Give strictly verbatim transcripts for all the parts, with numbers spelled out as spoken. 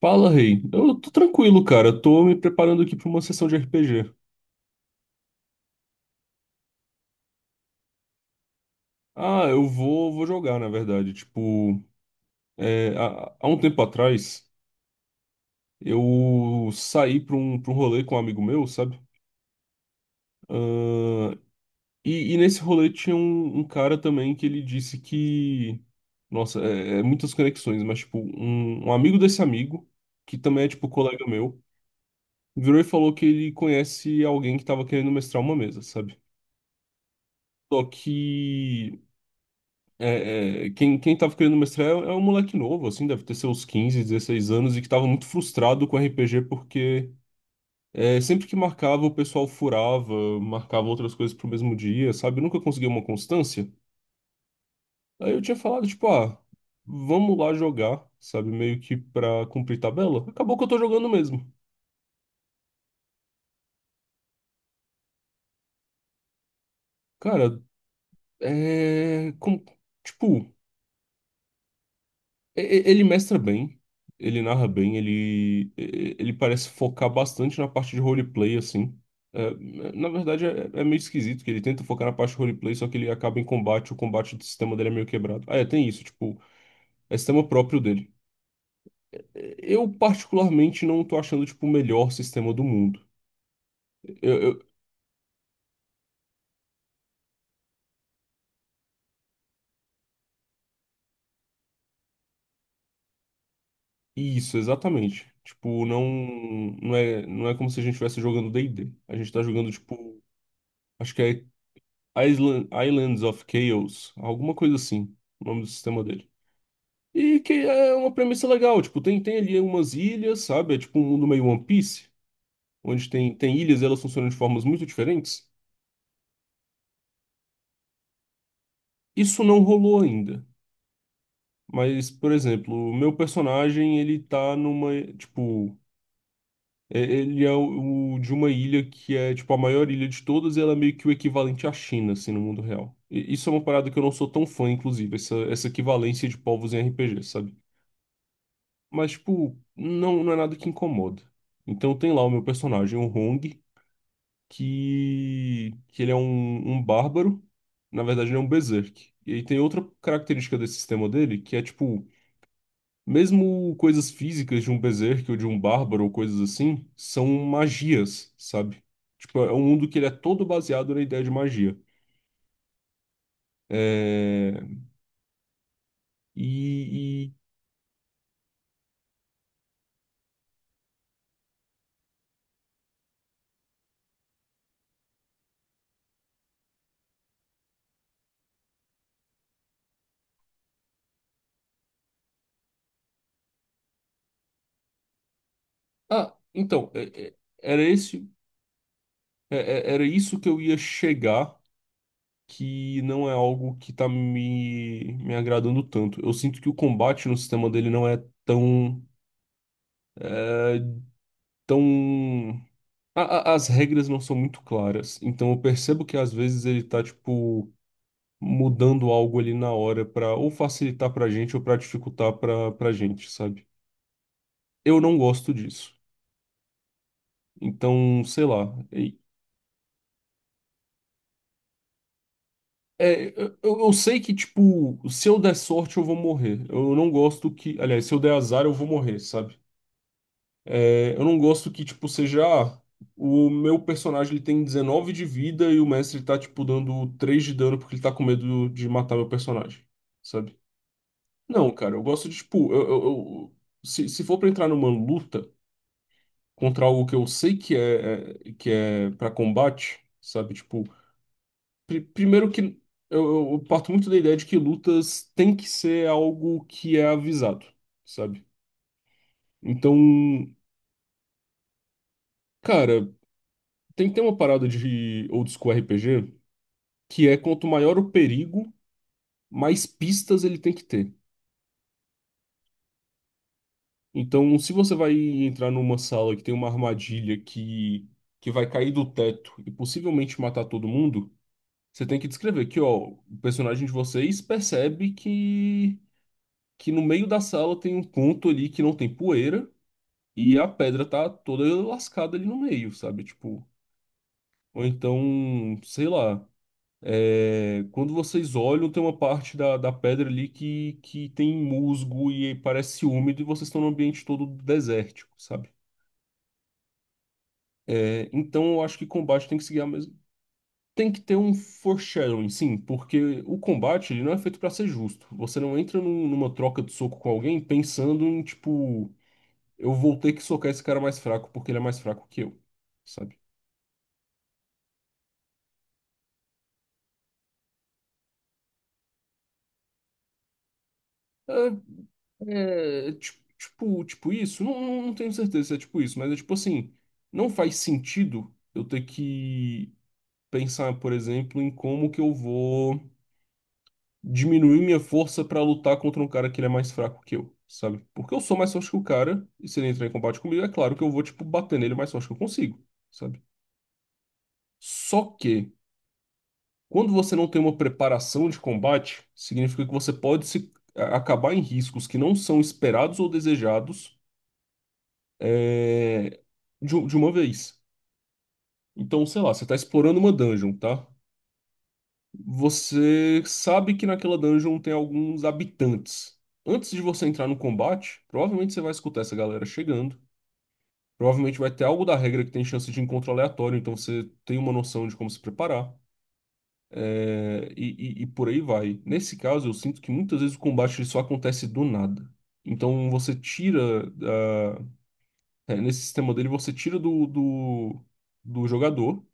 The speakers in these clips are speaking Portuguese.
Fala, rei. Eu tô tranquilo, cara. Eu tô me preparando aqui pra uma sessão de R P G. Ah, eu vou, vou jogar, na verdade. Tipo, é, há, há um tempo atrás, eu saí pra um, pra um rolê com um amigo meu, sabe? Ah, e, e nesse rolê tinha um, um cara também que ele disse que. Nossa, é, é muitas conexões, mas, tipo, um, um amigo desse amigo, que também é, tipo, colega meu, virou e falou que ele conhece alguém que tava querendo mestrar uma mesa, sabe? Só que. É, é, quem, quem tava querendo mestrar é, é um moleque novo, assim, deve ter seus quinze dezesseis anos e que tava muito frustrado com R P G porque é, sempre que marcava, o pessoal furava, marcava outras coisas pro mesmo dia, sabe? Nunca conseguia uma constância. Aí eu tinha falado, tipo, ah, vamos lá jogar, sabe? Meio que pra cumprir tabela. Acabou que eu tô jogando mesmo. Cara, é. com- tipo. E- e- Ele mestra bem, ele narra bem, ele, e- ele parece focar bastante na parte de roleplay, assim. É, é, na verdade, é, é meio esquisito que ele tenta focar na parte de roleplay, só que ele acaba em combate. O combate do sistema dele é meio quebrado. Ah, é, tem isso. Tipo, é sistema próprio dele. É. Eu, particularmente, não tô achando, tipo, o melhor sistema do mundo. Eu, eu- isso, exatamente. Tipo, não, não é, não é como se a gente estivesse jogando D e D. A gente tá jogando, tipo, acho que é Island, Islands of Chaos, alguma coisa assim, o nome do sistema dele. E que é uma premissa legal. Tipo, tem, tem ali umas ilhas, sabe? É tipo um mundo meio One Piece, onde tem, tem ilhas, e elas funcionam de formas muito diferentes. Isso não rolou ainda. Mas, por exemplo, o meu personagem, ele tá numa, tipo, é- ele é o, o de uma ilha que é, tipo, a maior ilha de todas, e ela é meio que o equivalente à China, assim, no mundo real. E isso é uma parada que eu não sou tão fã, inclusive, essa, essa equivalência de povos em R P G, sabe? Mas, tipo, não, não é nada que incomoda. Então tem lá o meu personagem, o Hong, que, que ele é um, um bárbaro. Na verdade, ele é um berserk. E aí tem outra característica desse sistema dele, que é, tipo, mesmo coisas físicas de um berserk ou de um bárbaro ou coisas assim, são magias, sabe? Tipo, é um mundo que ele é todo baseado na ideia de magia. É... E, e- Ah, então, é- é- era esse... é- é- era isso que eu ia chegar, que não é algo que tá me, me agradando tanto. Eu sinto que o combate no sistema dele não é tão, é, tão... a- a- as regras não são muito claras. Então eu percebo que, às vezes, ele tá, tipo, mudando algo ali na hora pra ou facilitar pra gente ou pra dificultar pra, pra gente, sabe? Eu não gosto disso. Então, sei lá. E- é, eu, eu sei que, tipo, se eu der sorte, eu vou morrer. Eu não gosto que. Aliás, se eu der azar, eu vou morrer, sabe? É, eu não gosto que, tipo, seja. ah, O meu personagem, ele tem dezenove de vida, e o mestre tá, tipo, dando três de dano porque ele tá com medo de matar meu personagem, sabe? Não, cara, eu gosto de, tipo, eu, eu- eu- se, se for pra entrar numa luta contra algo que eu sei que é, é- que é pra combate, sabe? Tipo, pri- primeiro que eu, eu parto muito da ideia de que lutas tem que ser algo que é avisado, sabe? Então, cara, tem que ter uma parada de old school R P G, que é: quanto maior o perigo, mais pistas ele tem que ter. Então, se você vai entrar numa sala que tem uma armadilha que, que vai cair do teto e possivelmente matar todo mundo, você tem que descrever que, ó, o personagem de vocês percebe que, que no meio da sala tem um ponto ali que não tem poeira, e a pedra tá toda lascada ali no meio, sabe? Tipo, ou então, sei lá. É, quando vocês olham, tem uma parte da, da pedra ali que, que tem musgo e parece úmido, e vocês estão num ambiente todo desértico, sabe? É, então eu acho que combate tem que seguir a mesma. Tem que ter um foreshadowing, sim, porque o combate, ele não é feito pra ser justo. Você não entra num- numa troca de soco com alguém pensando em, tipo, eu vou ter que socar esse cara mais fraco porque ele é mais fraco que eu, sabe? É, tipo, tipo, tipo isso? Não, não não tenho certeza se é tipo isso, mas é tipo assim: não faz sentido eu ter que pensar, por exemplo, em como que eu vou diminuir minha força pra lutar contra um cara que ele é mais fraco que eu, sabe? Porque eu sou mais forte que o cara, e se ele entrar em combate comigo, é claro que eu vou, tipo, bater nele o mais forte que eu consigo, sabe? Só que, quando você não tem uma preparação de combate, significa que você pode se a- acabar em riscos que não são esperados ou desejados, é, de, de uma vez. Então, sei lá, você tá explorando uma dungeon, tá? Você sabe que naquela dungeon tem alguns habitantes. Antes de você entrar no combate, provavelmente você vai escutar essa galera chegando. Provavelmente vai ter algo da regra que tem chance de encontro aleatório, então você tem uma noção de como se preparar. É, e, e- e por aí vai. Nesse caso, eu sinto que muitas vezes o combate ele só acontece do nada. Então você tira. Ah, é, nesse sistema dele, você tira do, do do jogador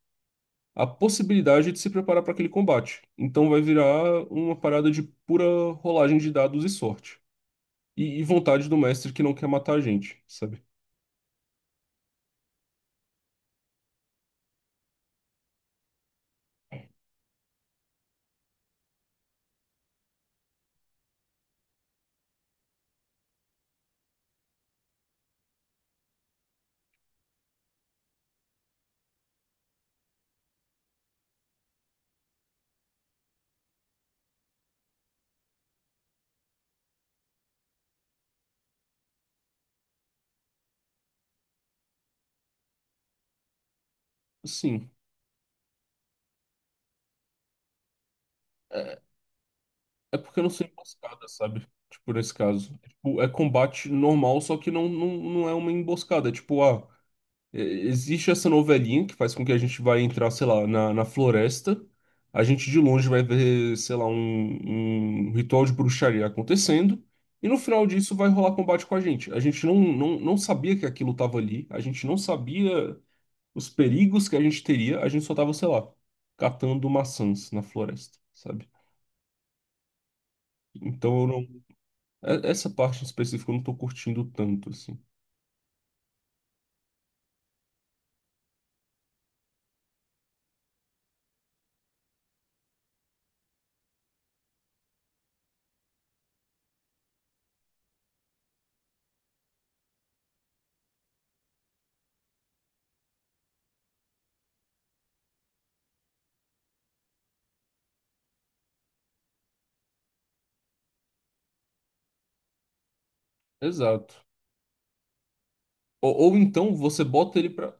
a possibilidade de se preparar para aquele combate. Então vai virar uma parada de pura rolagem de dados e sorte. E, e vontade do mestre, que não quer matar a gente, sabe? Assim, é, é porque eu não sou emboscada, sabe? Tipo, nesse caso. É, tipo, é combate normal, só que não, não, não é uma emboscada. É tipo, ah. É, existe essa novelinha que faz com que a gente vai entrar, sei lá, na, na floresta. A gente, de longe, vai ver, sei lá, um, um ritual de bruxaria acontecendo. E no final disso vai rolar combate com a gente. A gente não, não, não sabia que aquilo tava ali. A gente não sabia os perigos que a gente teria. A gente só tava, sei lá, catando maçãs na floresta, sabe? Então eu não. e- Essa parte em específico eu não tô curtindo tanto, assim. Exato. Ou, ou então você bota ele pra.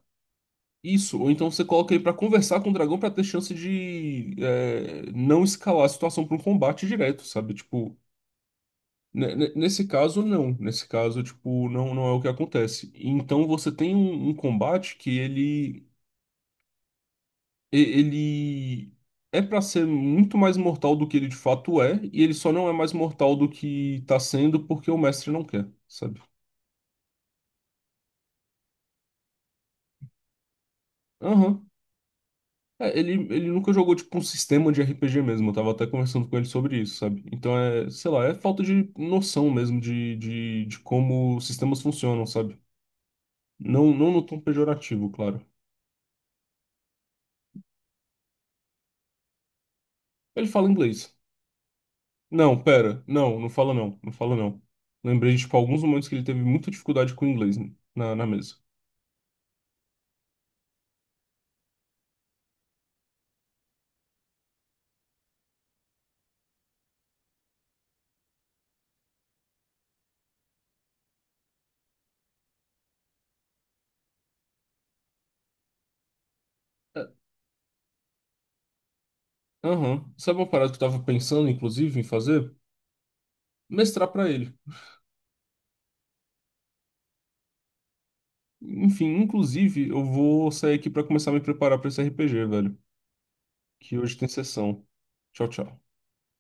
Isso, ou então você coloca ele pra conversar com o dragão pra ter chance de é, não escalar a situação pra um combate direto, sabe? Tipo, ne- ne- nesse caso, não. Nesse caso, tipo, não, não é o que acontece. Então você tem um, um combate que ele, e- ele é pra ser muito mais mortal do que ele de fato é, e ele só não é mais mortal do que tá sendo porque o mestre não quer, sabe? Aham. É, ele, ele nunca jogou, tipo, um sistema de R P G mesmo. Eu tava até conversando com ele sobre isso, sabe? Então é, sei lá, é falta de noção mesmo de, de, de como sistemas funcionam, sabe? Não, não no tom pejorativo, claro. Ele fala inglês. Não, pera. Não, não fala não. Não fala não. Lembrei de, tipo, alguns momentos que ele teve muita dificuldade com o inglês na, na mesa. É, aham. Sabe uma parada que eu tava pensando, inclusive, em fazer? Mestrar pra ele. Enfim, inclusive, eu vou sair aqui pra começar a me preparar pra esse R P G, velho, que hoje tem sessão. Tchau, tchau.